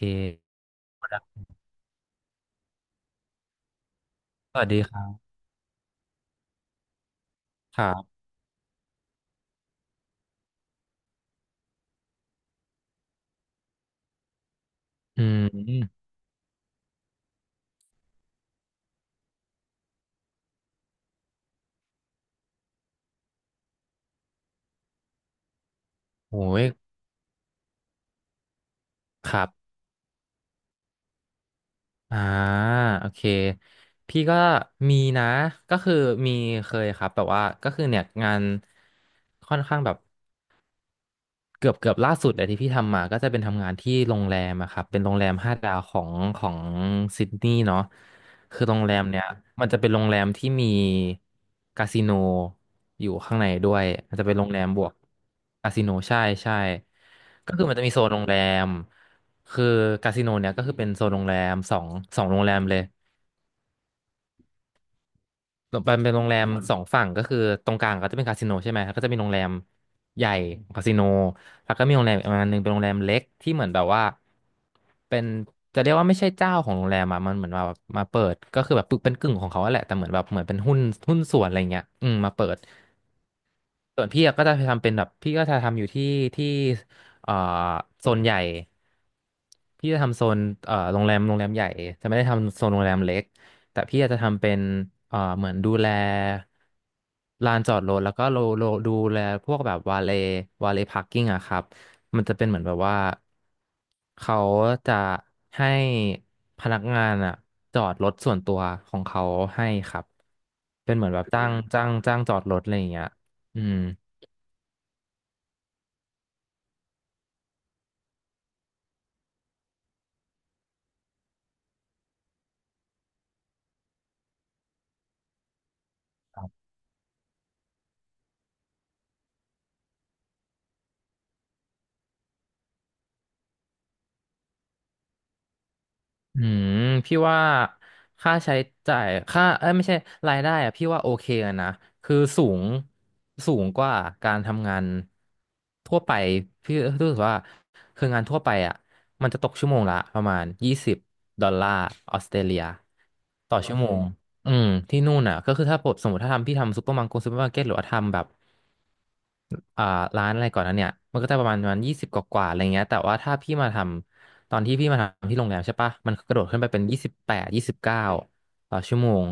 เคสวัสดีครับครับ อืมโอ้ยครับอ่าโอเค พี่ก็มีนะก็คือมีเคยครับแบบว่าก็คือเนี่ยงานค่อนข้างแบบ เกือบล่าสุดเลยที่พี่ทำมาก็จะเป็นทำงานที่โรงแรมอะครับเป็นโรงแรมห้าดาวของซิดนีย์เนาะคือโรงแรมเนี่ยมันจะเป็นโรงแรมที่มีคาสิโนอยู่ข้างในด้วยมันจะเป็นโรงแรมบวกคาสิโนใช่ใช่ก็คือมันจะมีโซนโรงแรมคือคาสิโนเนี่ยก็คือเป็นโซนโรงแรมสองโรงแรมเลย มันเป็นโรงแรมสองฝั่งก็คือตรงกลางก็จะเป็นคาสิโนใช่ไหมแล้วก็จะมีโรงแรมใหญ่คาสิโนแล้วก็มีโรงแรมอีกประมาณหนึ่งเป็นโรงแรมเล็กที่เหมือนแบบว่าเป็นจะเรียกว่าไม่ใช่เจ้าของโรงแรมอะมันเหมือนมาเปิดก็คือแบบเป็นกึ่งของเขาอะแหละแต่เหมือนแบบเหมือนเป็นหุ้นส่วนอะไรเงี้ยอืมมาเปิด ส่วนพี่อะก็จะทำเป็นแบบพี่ก็จะทำอยู่ที่ที่เอ่อโซนใหญ่พี่จะทำโซนโรงแรมใหญ่จะไม่ได้ทำโซนโรงแรมเล็กแต่พี่อาจจะทำเป็นเหมือนดูแลลานจอดรถแล้วก็โลโลดูแลพวกแบบวาเลพาร์กิ้งอะครับมันจะเป็นเหมือนแบบว่าเขาจะให้พนักงานอะจอดรถส่วนตัวของเขาให้ครับเป็นเหมือนแบบจ้างจอดรถอะไรอย่างเงี้ยอืม อืมพี่ว่าค่าใช้จ่ายค่าเอ้ยไม่ใช่รายได้อะพี่ว่าโอเคอะนะคือสูงกว่าการทำงานทั่วไปพี่รู้สึกว่าคืองานทั่วไปอ่ะมันจะตกชั่วโมงละประมาณ20 ดอลลาร์ออสเตรเลียต่อชั่วเโมงอืมที่นู่นอ่ะก็คือถ้าผมสมมติถ้าพี่ทำซูเปอร์มาร์เก็ตซูเปอร์มาร์เก็ตหรือว่าทำแบบ อ่าร้านอะไรก่อนนั้นเนี่ยมันก็จะประมาณ20 กว่าๆอะไรเงี้ยแต่ว่าถ้าพี่มาทำตอนที่พี่มาทำที่โรงแรมใช่ปะมันกระโดดขึ้นไปเป็น2829ต่อชั่วโมง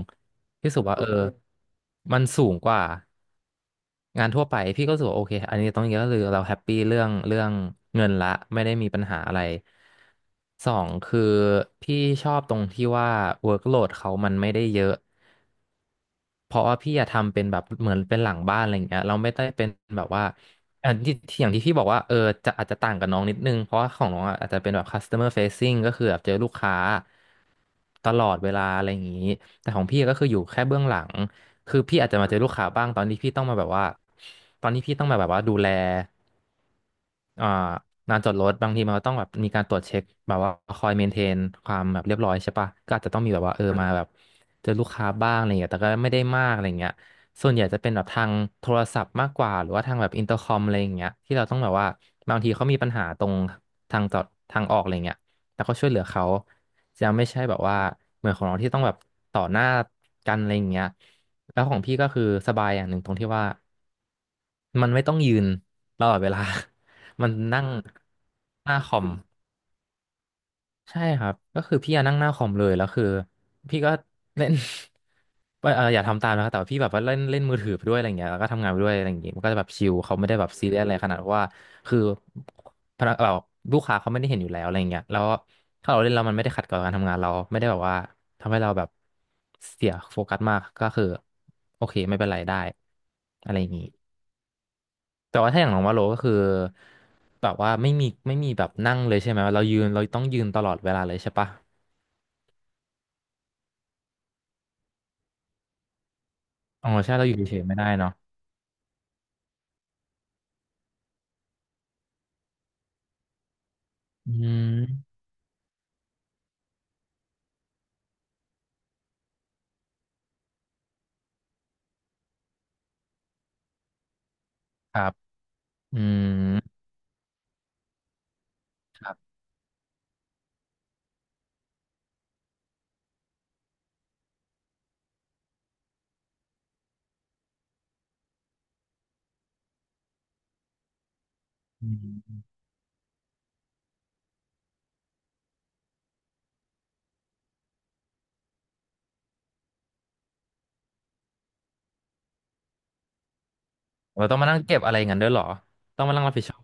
พี่รู้สึกว่าเออมันสูงกว่างานทั่วไปพี่ก็รู้สึกว่าโอเคอันนี้ตรงอย่างนี้ก็คือเราแฮปปี้เรื่องเงินละไม่ได้มีปัญหาอะไรสองคือพี่ชอบตรงที่ว่า workload เขามันไม่ได้เยอะ เพราะว่าพี่อะทำเป็นแบบเหมือนเป็นหลังบ้านอะไรอย่างเงี้ยเราไม่ได้เป็นแบบว่าอันอย่างที่พี่บอกว่าเออจะอาจจะต่างกับน้องนิดนึงเพราะว่าของน้องอะอาจจะเป็นแบบ customer facing ก็คือแบบเจอลูกค้าตลอดเวลาอะไรอย่างงี้แต่ของพี่ก็คืออยู่แค่เบื้องหลังคือพี่อาจจะมาเจอลูกค้าบ้างตอนที่พี่ต้องมาแบบว่าตอนที่พี่ต้องมาแบบว่าดูแลอ่างานจอดรถบางทีมันก็ต้องแบบมีการตรวจเช็คแบบว่าคอยเมนเทนความแบบเรียบร้อยใช่ปะก็อาจจะต้องมีแบบว่าเออมาแบบ เจอลูกค้าบ้างอะไรเงี้ยแต่ก็ไม่ได้มากอะไรเงี้ยส่วนใหญ่จะเป็นแบบทางโทรศัพท์มากกว่าหรือว่าทางแบบอินเตอร์คอมอะไรอย่างเงี้ยที่เราต้องแบบว่าบางทีเขามีปัญหาตรงทางจอดทางออกอะไรเงี้ยแล้วก็ช่วยเหลือเขาจะไม่ใช่แบบว่าเหมือนของเราที่ต้องแบบต่อหน้ากันอะไรอย่างเงี้ยแล้วของพี่ก็คือสบายอย่างหนึ่งตรงที่ว่ามันไม่ต้องยืนตลอดเวลา มันนั่งหน้าคอม ใช่ครับก็คือพี่อะนั่งหน้าคอมเลยแล้วคือพี่ก็เล่น ว่าเอออย่าทำตามนะครับแต่ว่าพี่แบบว่าเล่นเล่นมือถือไปด้วยอะไรเงี้ยแล้วก็ทำงานไปด้วยอะไรอย่างเงี้ยมันก็จะแบบชิลเขาไม่ได้แบบซีเรียสอะไรขนาดว่าคือพนักแบบลูกค้าเขาไม่ได้เห็นอยู่แล้วอะไรเงี้ยแล้วถ้าเราเล่นแล้วมันไม่ได้ขัดกับการทำงานเราไม่ได้แบบว่าทำให้เราแบบเสียโฟกัสมากก็คือโอเคไม่เป็นไรได้อะไรอย่างงี้แต่ว่าถ้าอย่างน้องว่าโลก็คือแบบว่าไม่มีไม่มีแบบนั่งเลยใช่ไหมเรายืนเราต้องยืนตลอดเวลาเลยใช่ปะ อ๋อใช่เราอยู่เฉยๆไม่ได้เนาะอืมครับอืมครับอืมเราต้องมานั่งเก็บอะไรอย่างนั้นด้วยเหรอต้องมานั่งรับผิดชอบ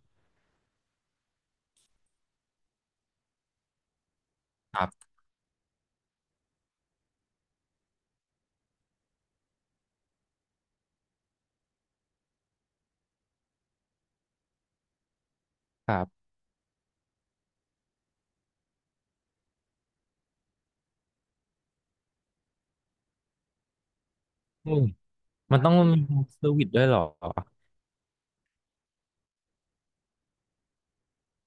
ครับครับอืมมันต้องมีรูมเซอร์วิสด้วยเหรอ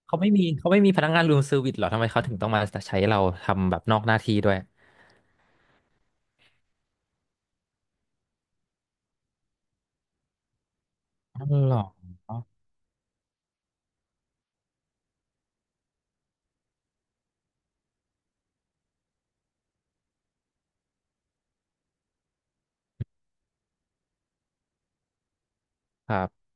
เขาไม่มีพนักงานรูมเซอร์วิสเหรอทำไมเขาถึงต้องมาใช้เราทำแบบนอกหน้าที่ด้วยอ๋อเหรอครับ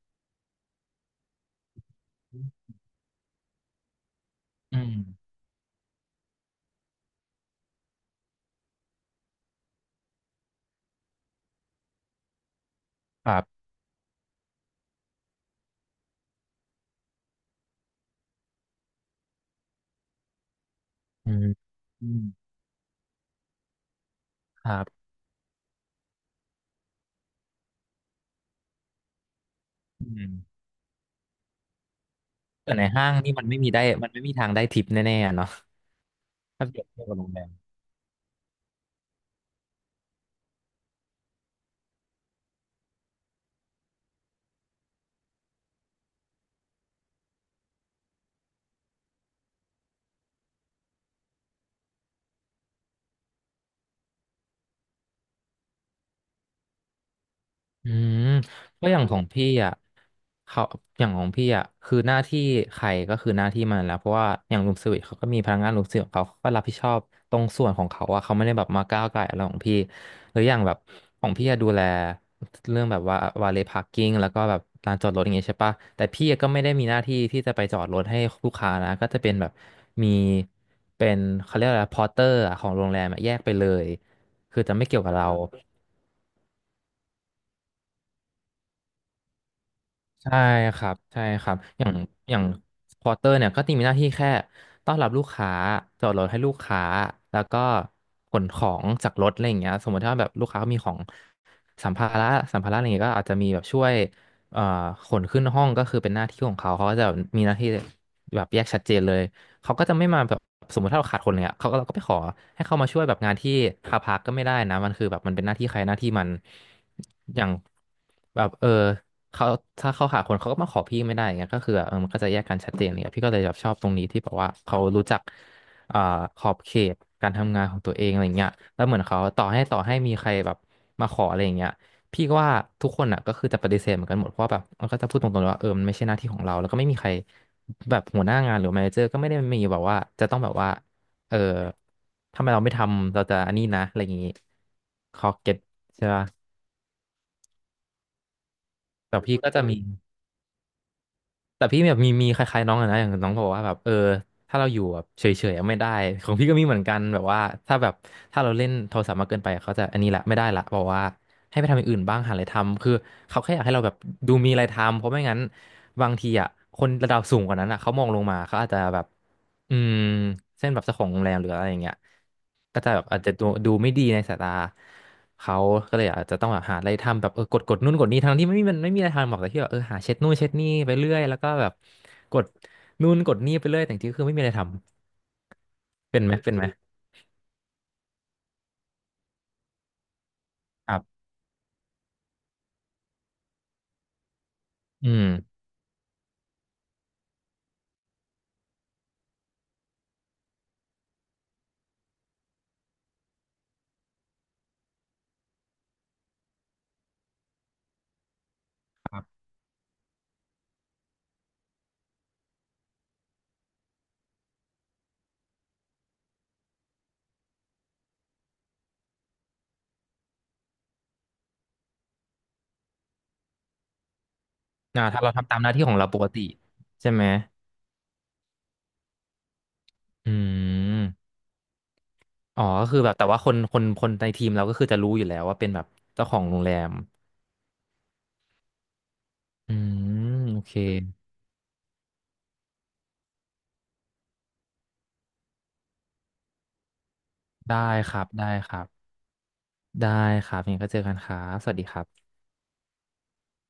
อืมครับอืมอืมครับอืมแต่ในห้างนี่มันไม่มีได้มันไม่มีทางได้ทิปแน่ๆอะเนาะถ้าเปรียบเทียบกับโรงแรม อืมเพราะอย่างของพี่อ่ะเขาอย่างของพี่อ่ะคือหน้าที่ใครก็คือหน้าที่มันแล้วเพราะว่าอย่างรูมเซอร์วิสเขาก็มีพนักงานรูมเซอร์วิสของเขาเขาก็รับผิดชอบตรงส่วนของเขาอ่ะเขาไม่ได้แบบมาก้าวไก่อะไรของพี่หรืออย่างแบบของพี่อะดูแลเรื่องแบบว่าวาเลพาร์กิ้งแล้วก็แบบลานจอดรถอย่างเงี้ยใช่ปะแต่พี่ก็ไม่ได้มีหน้าที่ที่จะไปจอดรถให้ลูกค้านะก็จะเป็นแบบมีเป็นเขาเรียกอะไรพอร์เตอร์ของโรงแรมอะแยกไปเลยคือจะไม่เกี่ยวกับเรา ใช่ครับใช่ครับอย่างอย่างพอเตอร์เนี่ยก็จะมีหน้าที่แค่ต้อนรับลูกค้าจอดรถให้ลูกค้าแล้วก็ขนของจากรถอะไรอย่างเงี้ยสมมติถ้าแบบลูกค้ามีของสัมภาระอะไรอย่างเงี้ยก็อาจจะมีแบบช่วยเอ่อขนขึ้นห้องก็คือเป็นหน้าที่ของเขาเขาก็จะมีหน้าที่แบบแยกชัดเจนเลยเขาก็จะไม่มาแบบสมมติถ้าเราขาดคนเนี่ยเขาก็เราก็ไปขอให้เขามาช่วยแบบงานที่คาพักก็ไม่ได้นะมันคือแบบมันเป็นหน้าที่ใครหน้าที่มันอย่างแบบเออ เขาถ้าเขาหาคนเขาก็มาขอพี่ไม่ได้อย่างเงี้ยก็คือแบบเออมันก็จะแยกกันชัดเจนเลยอะพี่ก็เลยแบบชอบตรงนี้ที่แบบว่าเขารู้จักอ่าขอบเขตการทำงานของตัวเองอะไรเงี้ยแล้วเหมือนเขาต่อให้มีใครแบบมาขออะไรอย่างเงี้ยพี่ก็ว่าทุกคนอ่ะก็คือจะปฏิเสธเหมือนกันหมดเพราะว่าแบบมันก็จะพูดตรงๆเลยว่าเออมันไม่ใช่หน้าที่ของเราแล้วก็ไม่มีใครแบบหัวหน้างานหรือแมเนเจอร์ก็ไม่ได้มีแบบว่าจะต้องแบบว่าเออทำไมเราไม่ทำเราจะอันนี้นะอะไรอย่างงี้เขาเก็ตใช่ปะแต่พี่ก็จะมี แต่พี่แบบมีคล้ายๆน้องอะนะอย่างน้องบอกว่าแบบเออถ้าเราอยู่แบบเฉยๆอะไม่ได้ของพี่ก็มีเหมือนกันแบบว่าถ้าแบบเราเล่นโทรศัพท์มากเกินไปเขาจะอันนี้ละไม่ไดว่าบอกว่าให้ไปทำอย่างอื่นบ้างหาอะไรทำคือเขาแค่อยากให้เราแบบดูมีอะไรทำเพราะไม่งั้นบางทีอ่ะคนระดับสูงกว่านั้นอ่ะเขามองลงมาเขาอาจจะแบบ อืมเส้นแบบเจ้าของโรงแรมหรืออะไรอย่างเงี้ยก็จะแบบอาจจะดูไม่ดีในสายตาเขาก็เลยอาจจะต้องแบบหาอะไรทำแบบเออกดนู่นกดนี่ทั้งที่ไม่มีมันไม่มีอะไรทำหรอกแต่ที่แบบเออหาเช็ดนู่นเช็ดนี่ไปเรื่อยแล้วก็แบบกดนู่นกดนี่ไปเรื่อยแต่จริงๆคือไม่มีอะไรทำเป็นไหมครับอืมครับอ่าถ้าเราทำตามหน้าที่ของเราปกติใช่ไหมอืมอ๋อก็คือแบบแต่ว่าคนในทีมเราก็คือจะรู้อยู่แล้วว่าเป็นแบบเจ้าของโรงแรมอืมโอเคได้ครับได้ครับยังไงก็เจอกันครับสวัสดีครับ